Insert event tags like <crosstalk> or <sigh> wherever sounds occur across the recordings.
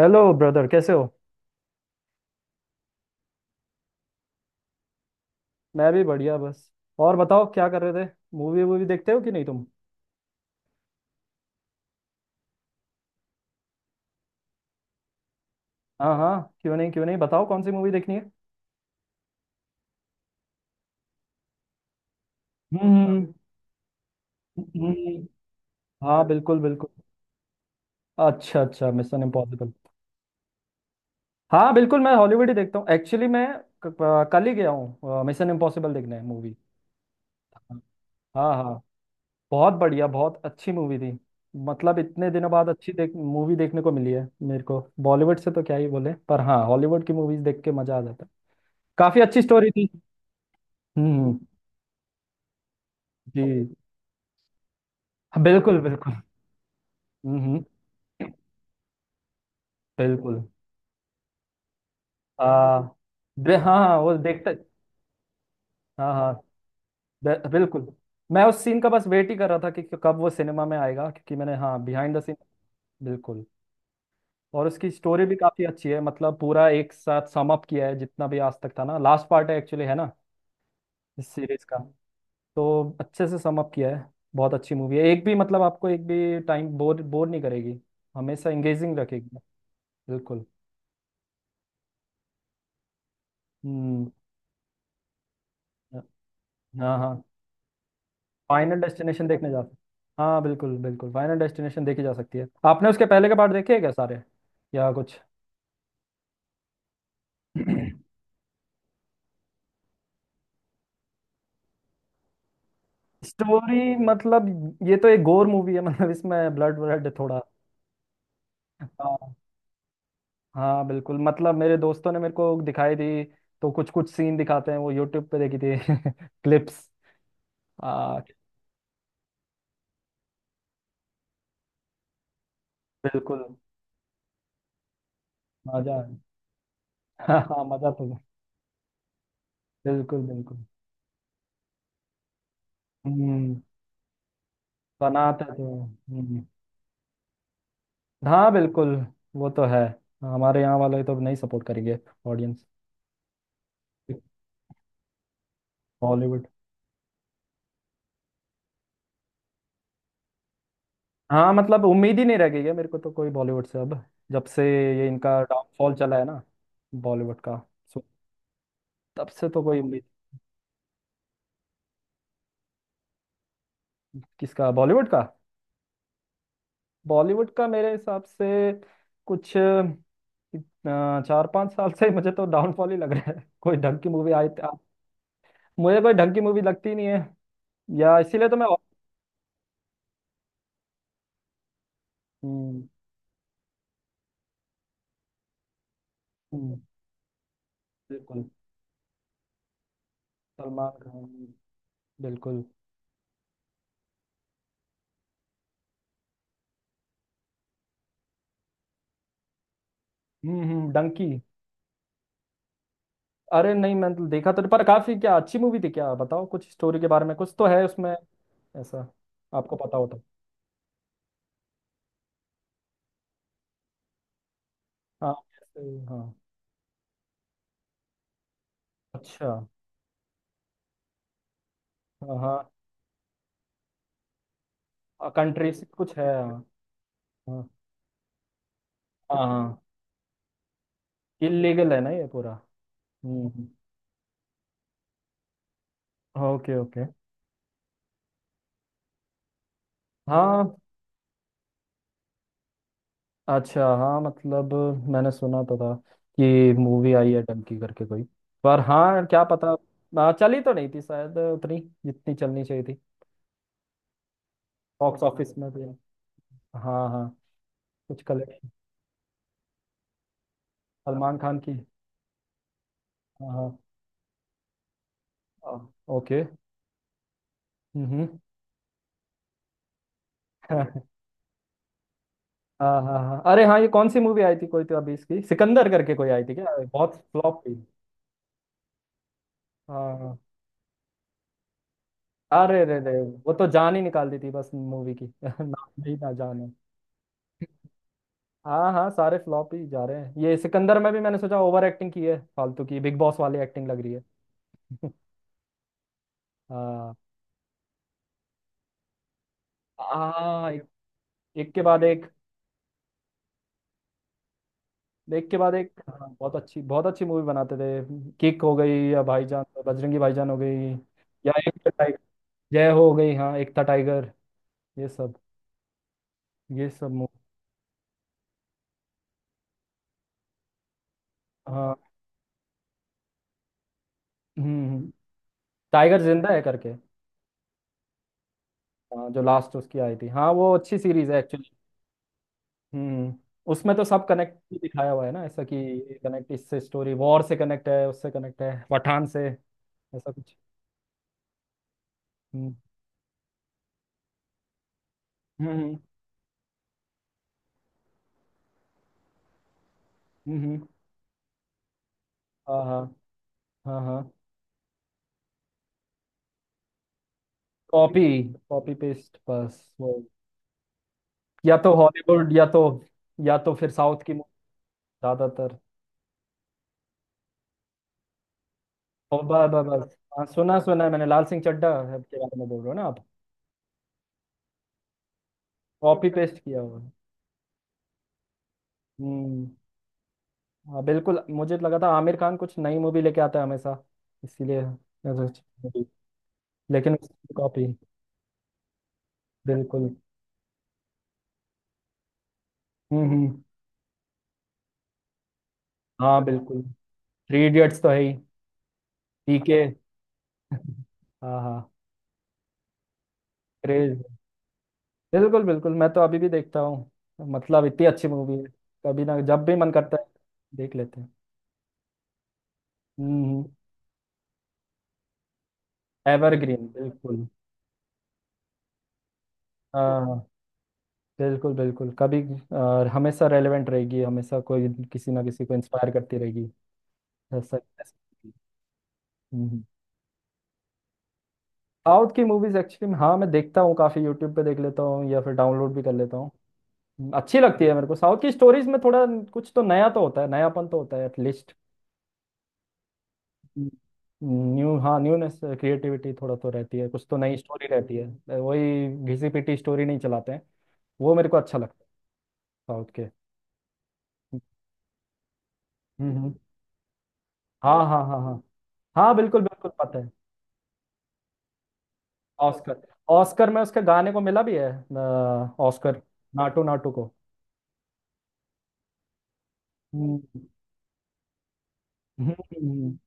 Hello brother, कैसे हो। मैं भी बढ़िया, बस। और बताओ, क्या कर रहे थे। मूवी वूवी देखते हो कि नहीं तुम। हाँ हाँ, क्यों नहीं क्यों नहीं, बताओ कौन सी मूवी देखनी है। हम्म। हम्म, हम्म, हाँ बिल्कुल बिल्कुल। अच्छा अच्छा, मिशन इम्पॉसिबल। हाँ बिल्कुल, मैं हॉलीवुड ही देखता हूँ। एक्चुअली मैं कल ही गया हूँ मिशन इम्पॉसिबल देखने मूवी। हाँ हाँ। बहुत बढ़िया, बहुत अच्छी मूवी थी। मतलब इतने दिनों बाद अच्छी देख मूवी देखने को मिली है। मेरे को बॉलीवुड से तो क्या ही बोले, पर हाँ, हॉलीवुड की मूवीज देख के मजा आ जाता है। काफी अच्छी स्टोरी थी। हम्म। जी हाँ, बिल्कुल बिल्कुल। हम्म हम्म, बिल्कुल। आ, हाँ हाँ, वो देखता। हाँ हाँ। बिल्कुल। मैं उस सीन का बस वेट ही कर रहा था कि कब वो सिनेमा में आएगा, क्योंकि मैंने, हाँ, बिहाइंड द सीन। बिल्कुल। और उसकी स्टोरी भी काफी अच्छी है, मतलब पूरा एक साथ सम अप किया है जितना भी आज तक था ना। लास्ट पार्ट है एक्चुअली, है ना, इस सीरीज का। तो अच्छे से सम अप किया है। बहुत अच्छी मूवी है, एक भी, मतलब आपको एक भी टाइम बोर बोर नहीं करेगी, हमेशा एंगेजिंग रखेगी। बिल्कुल। हम्म। हाँ हाँ, फाइनल डेस्टिनेशन देखने जा सकते। हाँ बिल्कुल बिल्कुल, फाइनल डेस्टिनेशन देखी जा सकती है। आपने उसके पहले के पार्ट देखे हैं क्या, सारे या कुछ? <clears throat> स्टोरी मतलब, ये तो एक गोर मूवी है, मतलब इसमें ब्लड ब्लड थोड़ा। हाँ। हाँ बिल्कुल, मतलब मेरे दोस्तों ने मेरे को दिखाई थी। तो कुछ कुछ सीन दिखाते हैं वो, यूट्यूब पे देखी थी। <laughs> क्लिप्स। आ, बिल्कुल। मजा <laughs> हाँ हाँ, मजा तो। बिल्कुल बिल्कुल। हम्म। बनाते थे। हम्म। हाँ बिल्कुल। वो तो है। हमारे यहाँ वाले तो नहीं सपोर्ट करेंगे, ऑडियंस। बॉलीवुड। हाँ मतलब उम्मीद ही नहीं रह गई है मेरे को तो कोई, बॉलीवुड से अब। जब से ये इनका डाउनफॉल चला है ना बॉलीवुड का। सो तब से तो कोई उम्मीद। किसका, बॉलीवुड का? बॉलीवुड का मेरे हिसाब से कुछ 4-5 साल से मुझे तो डाउनफॉल ही लग रहा है, कोई ढंग की मूवी आई मुझे कोई ढंग की मूवी लगती ही नहीं है, या इसीलिए तो मैं। हम्म, हम्म, बिल्कुल। सलमान खान, बिल्कुल। हम्म, डंकी। अरे नहीं, मैंने तो देखा तो, पर काफी क्या अच्छी मूवी थी क्या? बताओ कुछ स्टोरी के बारे में, कुछ तो है उसमें ऐसा, आपको पता हो तो। हाँ, हाँ। अच्छा। हाँ हाँ, कंट्री से कुछ है। हाँ। हाँ हाँ, हाँ, इलीगल है ना ये पूरा। हम्म हम्म, ओके ओके। हाँ अच्छा, हाँ मतलब मैंने सुना तो था कि मूवी आई है डंकी करके कोई। पर हाँ क्या पता, चली तो नहीं थी शायद उतनी जितनी चलनी चाहिए थी। बॉक्स ऑफिस में भी, हाँ हाँ, कुछ कलेक्शन। सलमान खान की। हाँ हाँ ओके। हम्म। <laughs> हाँ हाँ हाँ, अरे हाँ, ये कौन सी मूवी आई थी कोई, तो अभी इसकी सिकंदर करके कोई आई थी क्या? अरे, बहुत फ्लॉप थी। हाँ हाँ। अरे रे रे, वो तो जान ही निकाल दी थी बस मूवी की, <laughs> नाम ही ना जाने। हाँ हाँ, सारे फ्लॉप ही जा रहे हैं। ये सिकंदर में भी मैंने सोचा ओवर एक्टिंग की है, फालतू की बिग बॉस वाली एक्टिंग लग रही है। <laughs> हाँ हाँ। एक के बाद एक, देख के बाद एक, हाँ, बहुत अच्छी मूवी बनाते थे। किक हो गई, या भाईजान बजरंगी भाईजान हो गई, या एक था टाइगर। जय हो गई, हाँ, एक था टाइगर, ये सब, ये सब मूवी। हाँ। हम्म हम्म, टाइगर जिंदा है करके। हाँ, जो लास्ट उसकी आई थी, हाँ वो अच्छी सीरीज है एक्चुअली। हम्म। उसमें तो सब कनेक्ट भी दिखाया हुआ है ना, ऐसा कि ये कनेक्ट इससे, स्टोरी वॉर से कनेक्ट है, उससे कनेक्ट है पठान से, ऐसा कुछ। हम्म हम्म, हम्म, हम्म, हाँ हाँ हाँ हाँ। कॉपी, कॉपी पेस्ट, बस वो। या तो हॉलीवुड, या तो, या तो फिर साउथ की मूवी, ज्यादातर। ओ बस बस बस, हाँ सुना सुना है मैंने, लाल सिंह चड्ढा है के बारे में बोल रहे हो ना आप। कॉपी पेस्ट किया हुआ है। हम्म। हाँ बिल्कुल, मुझे लगा था आमिर खान कुछ नई मूवी लेके आता है हमेशा, इसीलिए मैं लेकिन, कॉपी। बिल्कुल। हम्म। हाँ बिल्कुल, थ्री इडियट्स तो है ही, पीके। हाँ हाँ। क्रेज। बिल्कुल बिल्कुल, मैं तो अभी भी देखता हूँ, मतलब इतनी अच्छी मूवी है। कभी ना, जब भी मन करता है देख लेते हैं। हम्म। एवरग्रीन बिल्कुल। हाँ बिल्कुल बिल्कुल, कभी हमेशा रेलेवेंट रहेगी, हमेशा कोई, किसी ना किसी को इंस्पायर करती रहेगी, ऐसा। हम्म। साउथ की मूवीज एक्चुअली हाँ मैं देखता हूँ, काफी यूट्यूब पे देख लेता हूँ या फिर डाउनलोड भी कर लेता हूँ। अच्छी लगती है मेरे को, साउथ की स्टोरीज में थोड़ा कुछ तो नया तो होता है, नयापन तो होता है एटलीस्ट। न्यू, हाँ, न्यूनेस, क्रिएटिविटी थोड़ा तो रहती है, कुछ तो नई स्टोरी रहती है, वही घिसी पिटी स्टोरी नहीं चलाते हैं। वो मेरे को अच्छा लगता है, साउथ के। हम्म हम्म, हम्म। हाँ हाँ हाँ हाँ, हाँ बिल्कुल बिल्कुल, पता है। ऑस्कर। ऑस्कर में उसके गाने को मिला भी है ऑस्कर, नाटू नाटू को। हम्म हम्म, हम्म,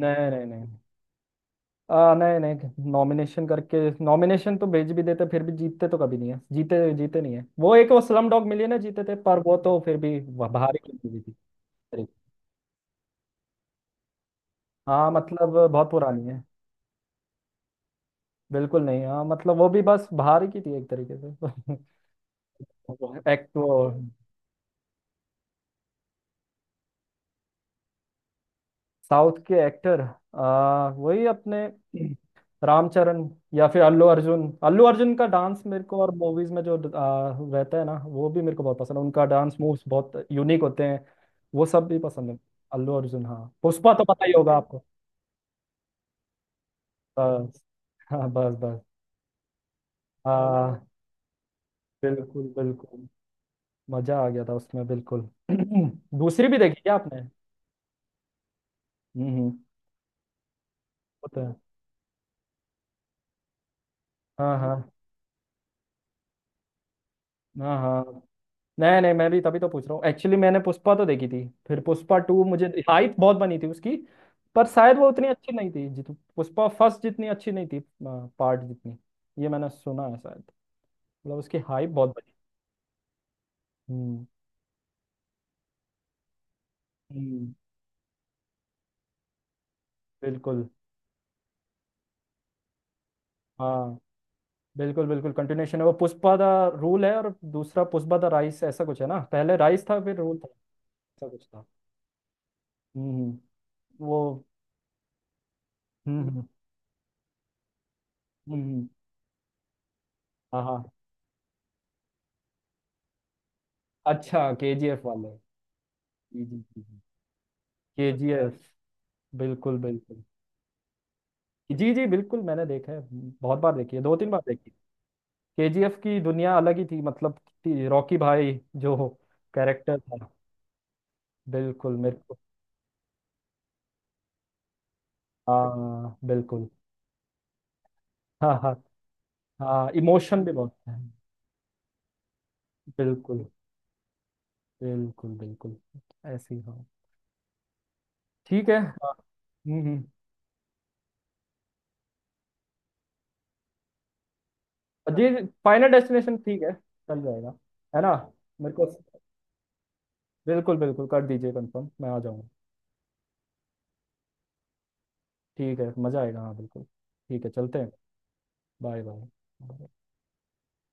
नहीं नहीं नहीं नहीं। नहीं नहीं, नॉमिनेशन करके नॉमिनेशन तो भेज भी देते, फिर भी जीतते तो कभी नहीं है, जीते जीते नहीं है। वो एक वो स्लम डॉग मिली ना, जीते थे, पर वो तो फिर भी बाहर की मूवी थी। अरे, हाँ मतलब बहुत पुरानी है। बिल्कुल नहीं, हाँ मतलब वो भी बस बाहर की थी एक तरीके से। <laughs> एक्ट वो। साउथ के एक्टर, वही अपने रामचरण, या फिर अल्लू अर्जुन। अल्लू अर्जुन का डांस मेरे को, और मूवीज में जो रहता है ना वो भी मेरे को बहुत पसंद है, उनका डांस मूव्स बहुत यूनिक होते हैं। वो सब भी पसंद है। अल्लू अर्जुन, हाँ, पुष्पा तो पता ही होगा आपको। बस हाँ बस बस। हाँ बिल्कुल बिल्कुल। मजा आ गया था उसमें, बिल्कुल। <clears throat> दूसरी भी देखी क्या आपने? वो तो है। हाँ हाँ। हाँ हाँ। नहीं नहीं, मैं भी तभी तो पूछ रहा हूँ, एक्चुअली मैंने पुष्पा तो देखी थी, फिर पुष्पा 2 मुझे <laughs> हाइप बहुत बनी थी उसकी। पर शायद वो उतनी अच्छी नहीं थी जित पुष्पा फर्स्ट जितनी अच्छी नहीं थी, पार्ट जितनी। ये मैंने सुना है शायद, मतलब उसकी हाइप बहुत बनी। हम्म हम्म, बिल्कुल। हाँ बिल्कुल बिल्कुल कंटिन्यूशन है। वो पुष्पा द रूल है, और दूसरा पुष्पा द राइस, ऐसा कुछ है ना, पहले राइस था फिर रूल था, ऐसा कुछ था। हम्म। वो। हम्म हम्म हम्म, हाँ हाँ। अच्छा, के जी एफ वाले, के जी एफ बिल्कुल बिल्कुल। जी जी बिल्कुल, मैंने देखा है, बहुत बार देखी है, 2-3 बार देखी। केजीएफ की दुनिया अलग ही थी, मतलब कि रॉकी भाई, जो कैरेक्टर था, बिल्कुल मेरे को। हाँ बिल्कुल। हाँ हाँ, हाँ इमोशन भी बहुत है। बिल्कुल बिल्कुल बिल्कुल, ऐसी हाँ। ठीक है हाँ, हम्म हम्म। जी जी, फाइनल डेस्टिनेशन ठीक है, चल जाएगा, है ना, मेरे को। बिल्कुल बिल्कुल, कर दीजिए कंफर्म, मैं आ जाऊँगा। ठीक है, मज़ा आएगा, हाँ बिल्कुल। ठीक है, चलते हैं। Bye bye.